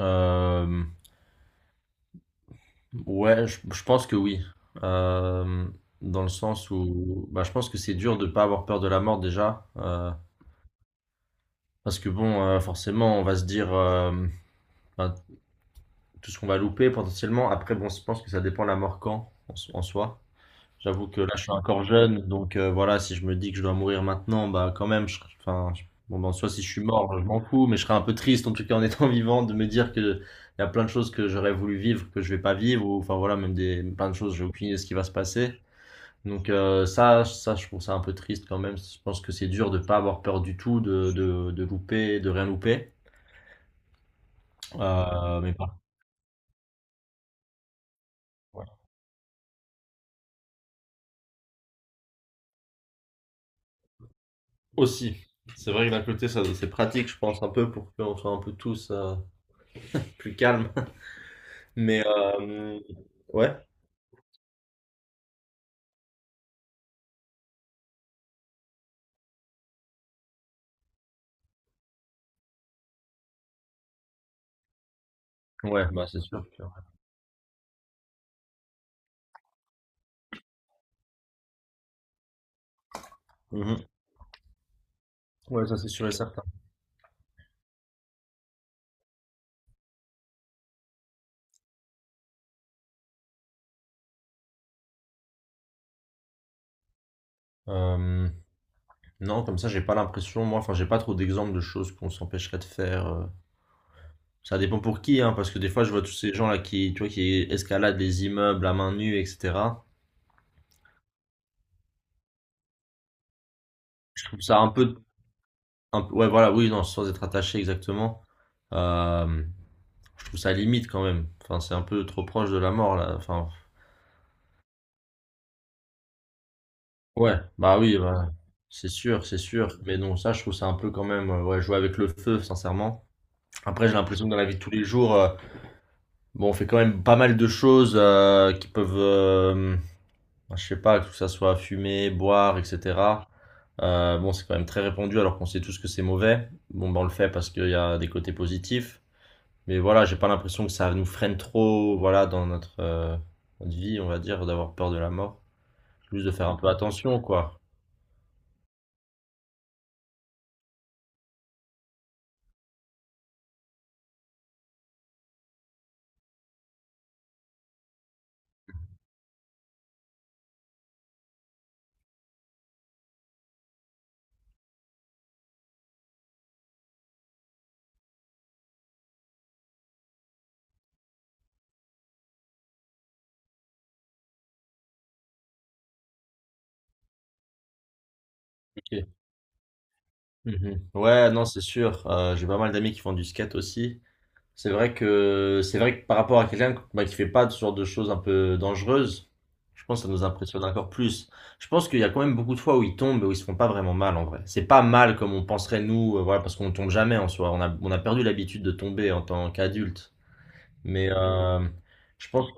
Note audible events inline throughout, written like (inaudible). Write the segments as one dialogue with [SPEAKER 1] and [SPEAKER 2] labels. [SPEAKER 1] Euh, ouais, je pense que oui. Euh, Dans le sens où bah, je pense que c'est dur de ne pas avoir peur de la mort déjà. Parce que bon, forcément, on va se dire ben, tout ce qu'on va louper potentiellement. Après, bon, je pense que ça dépend de la mort en soi. J'avoue que là, je suis encore jeune, donc voilà, si je me dis que je dois mourir maintenant, bah quand même, je, enfin, bon, ben, soit si je suis mort, je m'en fous, mais je serais un peu triste en tout cas en (laughs) étant vivant de me dire que il y a plein de choses que j'aurais voulu vivre que je vais pas vivre, ou enfin voilà, même des plein de choses, j'ai aucune idée de ce qui va se passer. Donc ça, ça, je trouve ça un peu triste quand même. Je pense que c'est dur de pas avoir peur du tout, de, de louper, de rien louper. Mais pas. Aussi, c'est vrai que d'un côté, ça, c'est pratique, je pense un peu pour qu'on soit un peu tous plus calmes. Mais ouais, ouais, Mhm. Ouais, ça c'est sûr et certain. Euh, non, comme ça, j'ai pas l'impression, moi, enfin, j'ai pas trop d'exemples de choses qu'on s'empêcherait de faire. Ça dépend pour qui, hein, parce que des fois, je vois tous ces gens-là qui, tu vois, qui escaladent les immeubles à main nue, etc. Je trouve ça un peu, ouais, voilà, oui, non, sans être attaché exactement. Euh, je trouve ça limite quand même. Enfin, c'est un peu trop proche de la mort, là. Enfin. Ouais, bah oui, bah, c'est sûr, c'est sûr. Mais non, ça, je trouve ça un peu quand même, ouais, jouer avec le feu, sincèrement. Après, j'ai l'impression que dans la vie de tous les jours, bon, on fait quand même pas mal de choses qui peuvent, je sais pas, que ça soit fumer, boire, etc. Bon, c'est quand même très répandu alors qu'on sait tous que c'est mauvais. Bon, ben on le fait parce qu'il y a des côtés positifs. Mais voilà, j'ai pas l'impression que ça nous freine trop, voilà, dans notre vie, on va dire, d'avoir peur de la mort. Plus de faire un peu attention, quoi. Ok. Mhm. Ouais, non, c'est sûr. J'ai pas mal d'amis qui font du skate aussi. C'est vrai que par rapport à quelqu'un bah, qui fait pas ce genre de choses un peu dangereuses, je pense que ça nous impressionne encore plus. Je pense qu'il y a quand même beaucoup de fois où ils tombent et où ils se font pas vraiment mal en vrai. C'est pas mal comme on penserait nous, voilà, parce qu'on tombe jamais en soi. On a perdu l'habitude de tomber en tant qu'adulte. Mais je pense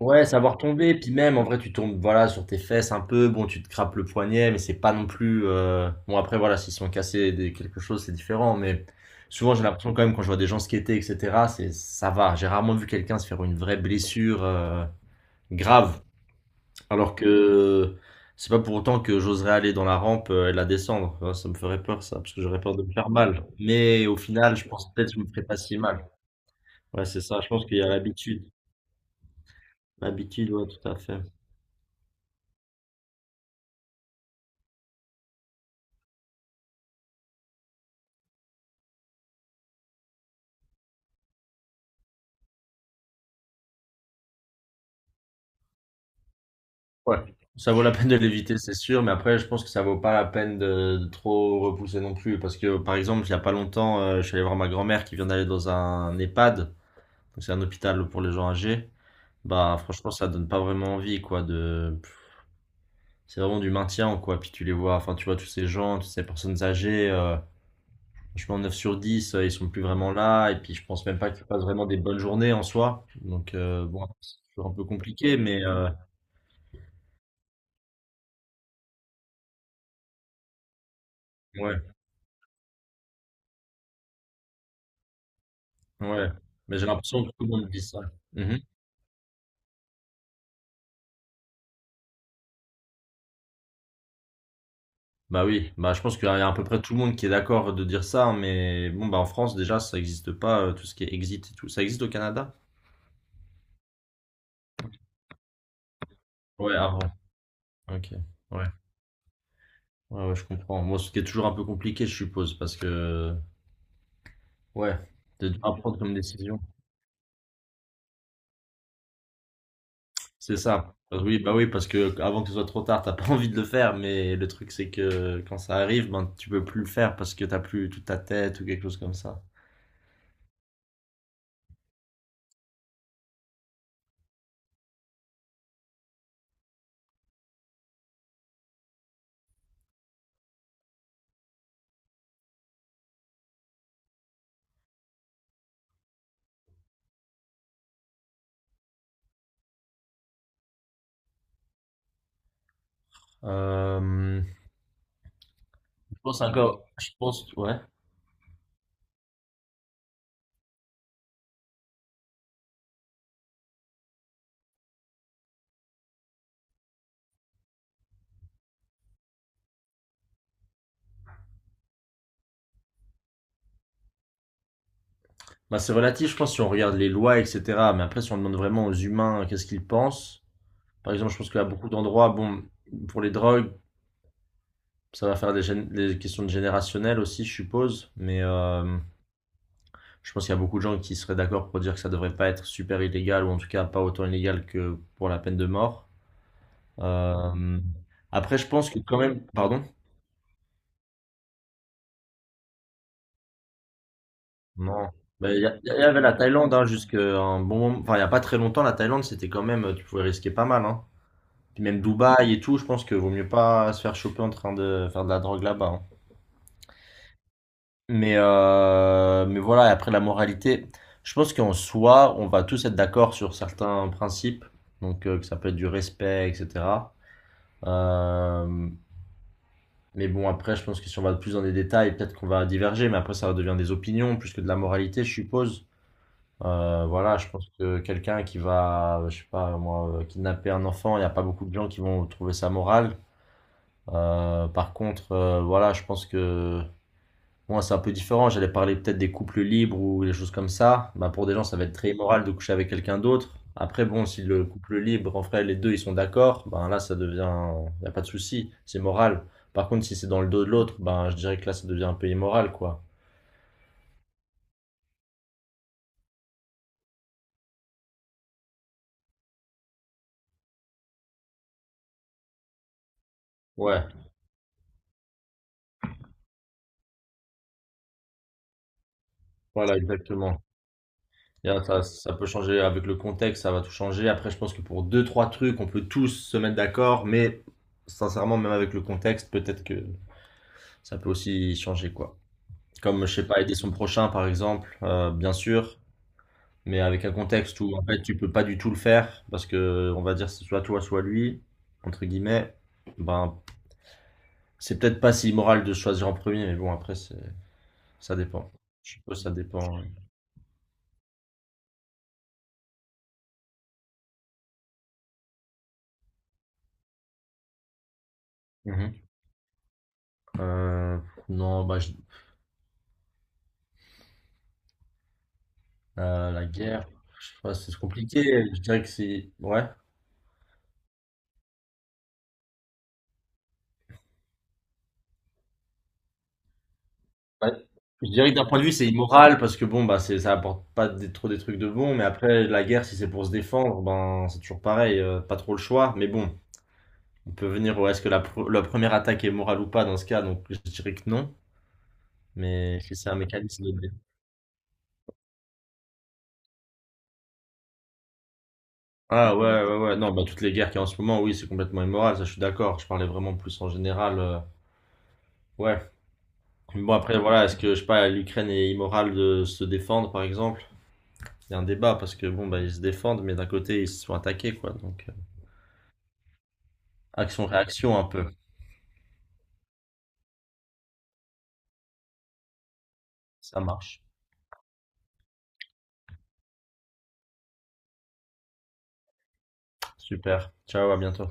[SPEAKER 1] ouais, savoir tomber, puis même en vrai tu tombes voilà sur tes fesses un peu, bon tu te crapes le poignet, mais c'est pas non plus bon après voilà s'ils sont cassés quelque chose c'est différent, mais souvent j'ai l'impression quand même quand je vois des gens skater etc c'est ça va, j'ai rarement vu quelqu'un se faire une vraie blessure grave, alors que c'est pas pour autant que j'oserais aller dans la rampe et la descendre. Ouais, ça me ferait peur ça parce que j'aurais peur de me faire mal, mais au final je pense peut-être que je me ferais pas si mal, ouais c'est ça, je pense qu'il y a l'habitude, l'habitude ouais tout à fait. Ouais, ça vaut la peine de l'éviter, c'est sûr, mais après, je pense que ça vaut pas la peine de trop repousser non plus. Parce que, par exemple, il y a pas longtemps, je suis allé voir ma grand-mère qui vient d'aller dans un EHPAD, donc c'est un hôpital pour les gens âgés. Bah, franchement, ça donne pas vraiment envie, quoi. C'est vraiment du maintien, quoi. Puis tu les vois, enfin, tu vois tous ces gens, toutes ces personnes âgées, franchement, 9 sur 10, ils sont plus vraiment là, et puis je pense même pas qu'ils passent vraiment des bonnes journées en soi. Donc, bon, c'est toujours un peu compliqué. Ouais. Ouais, mais j'ai l'impression que tout le monde dit ça. Mhm. Bah oui, bah je pense qu'il y a à peu près tout le monde qui est d'accord de dire ça, hein, mais bon, bah en France déjà ça n'existe pas, tout ce qui est exit et tout. Ça existe au Canada? Ouais, avant. Ok, ouais. Ouais, ouais, je comprends. Moi, ce qui est toujours un peu compliqué, je suppose, parce que, ouais, de à prendre comme décision. C'est ça. Oui, bah oui, parce que avant que ce soit trop tard, t'as pas (laughs) envie de le faire, mais le truc c'est que quand ça arrive, ben tu peux plus le faire parce que t'as plus toute ta tête ou quelque chose comme ça. Euh, Je pense encore, je pense, ouais. Bah, c'est relatif, je pense, si on regarde les lois, etc. Mais après, si on demande vraiment aux humains qu'est-ce qu'ils pensent, par exemple, je pense qu'à beaucoup d'endroits, bon, pour les drogues, ça va faire des questions de générationnel aussi, je suppose. Mais je pense qu'il y a beaucoup de gens qui seraient d'accord pour dire que ça devrait pas être super illégal, ou en tout cas pas autant illégal que pour la peine de mort. Euh, Après, je pense que quand même, pardon. Non. Mais il y avait la Thaïlande hein, jusqu'à un bon moment. Enfin, il n'y a pas très longtemps, la Thaïlande, c'était quand même. Tu pouvais risquer pas mal. Hein. Puis même Dubaï et tout, je pense que vaut mieux pas se faire choper en train de faire de la drogue là-bas. Hein. Mais voilà, et après la moralité, je pense qu'en soi, on va tous être d'accord sur certains principes. Donc, que ça peut être du respect, etc. Euh, mais bon, après, je pense que si on va plus dans les détails, peut-être qu'on va diverger. Mais après, ça redevient des opinions plus que de la moralité, je suppose. Voilà, je pense que quelqu'un qui va, je sais pas moi, kidnapper un enfant, il n'y a pas beaucoup de gens qui vont trouver ça moral. Par contre, voilà, je pense que moi c'est un peu différent. J'allais parler peut-être des couples libres ou des choses comme ça. Bah, pour des gens, ça va être très immoral de coucher avec quelqu'un d'autre. Après, bon, si le couple libre, en vrai, les deux ils sont d'accord, ben là ça devient, il n'y a pas de souci, c'est moral. Par contre, si c'est dans le dos de l'autre, ben je dirais que là ça devient un peu immoral, quoi. Ouais, voilà, exactement. Bien, ça peut changer avec le contexte, ça va tout changer. Après, je pense que pour deux, trois trucs, on peut tous se mettre d'accord, mais sincèrement, même avec le contexte, peut-être que ça peut aussi changer, quoi. Comme, je sais pas, aider son prochain, par exemple, bien sûr, mais avec un contexte où, en fait, tu peux pas du tout le faire, parce que, on va dire, c'est soit toi, soit lui, entre guillemets, ben, c'est peut-être pas si immoral de choisir en premier, mais bon, après, ça dépend. Je suppose que ça dépend. Ouais. Mhm. Euh, non, bah, la guerre, je sais pas, c'est compliqué. Je dirais que c'est. Ouais. Ouais. Je dirais que d'un point de vue, c'est immoral parce que bon, bah, ça apporte pas trop des trucs de bon. Mais après, la guerre, si c'est pour se défendre, ben, c'est toujours pareil. Pas trop le choix. Mais bon, on peut venir au est-ce que la première attaque est morale ou pas dans ce cas. Donc, je dirais que non. Mais si c'est un mécanisme de. Ah ouais, ouais, ouais. Non, bah, toutes les guerres qu'il y a en ce moment, oui, c'est complètement immoral. Ça, je suis d'accord. Je parlais vraiment plus en général. Ouais. Mais bon, après, voilà, est-ce que, je sais pas, l'Ukraine est immorale de se défendre, par exemple? Il y a un débat parce que bon, bah, ils se défendent, mais d'un côté, ils se sont attaqués, quoi. Donc, action-réaction un peu. Ça marche. Super. Ciao, à bientôt.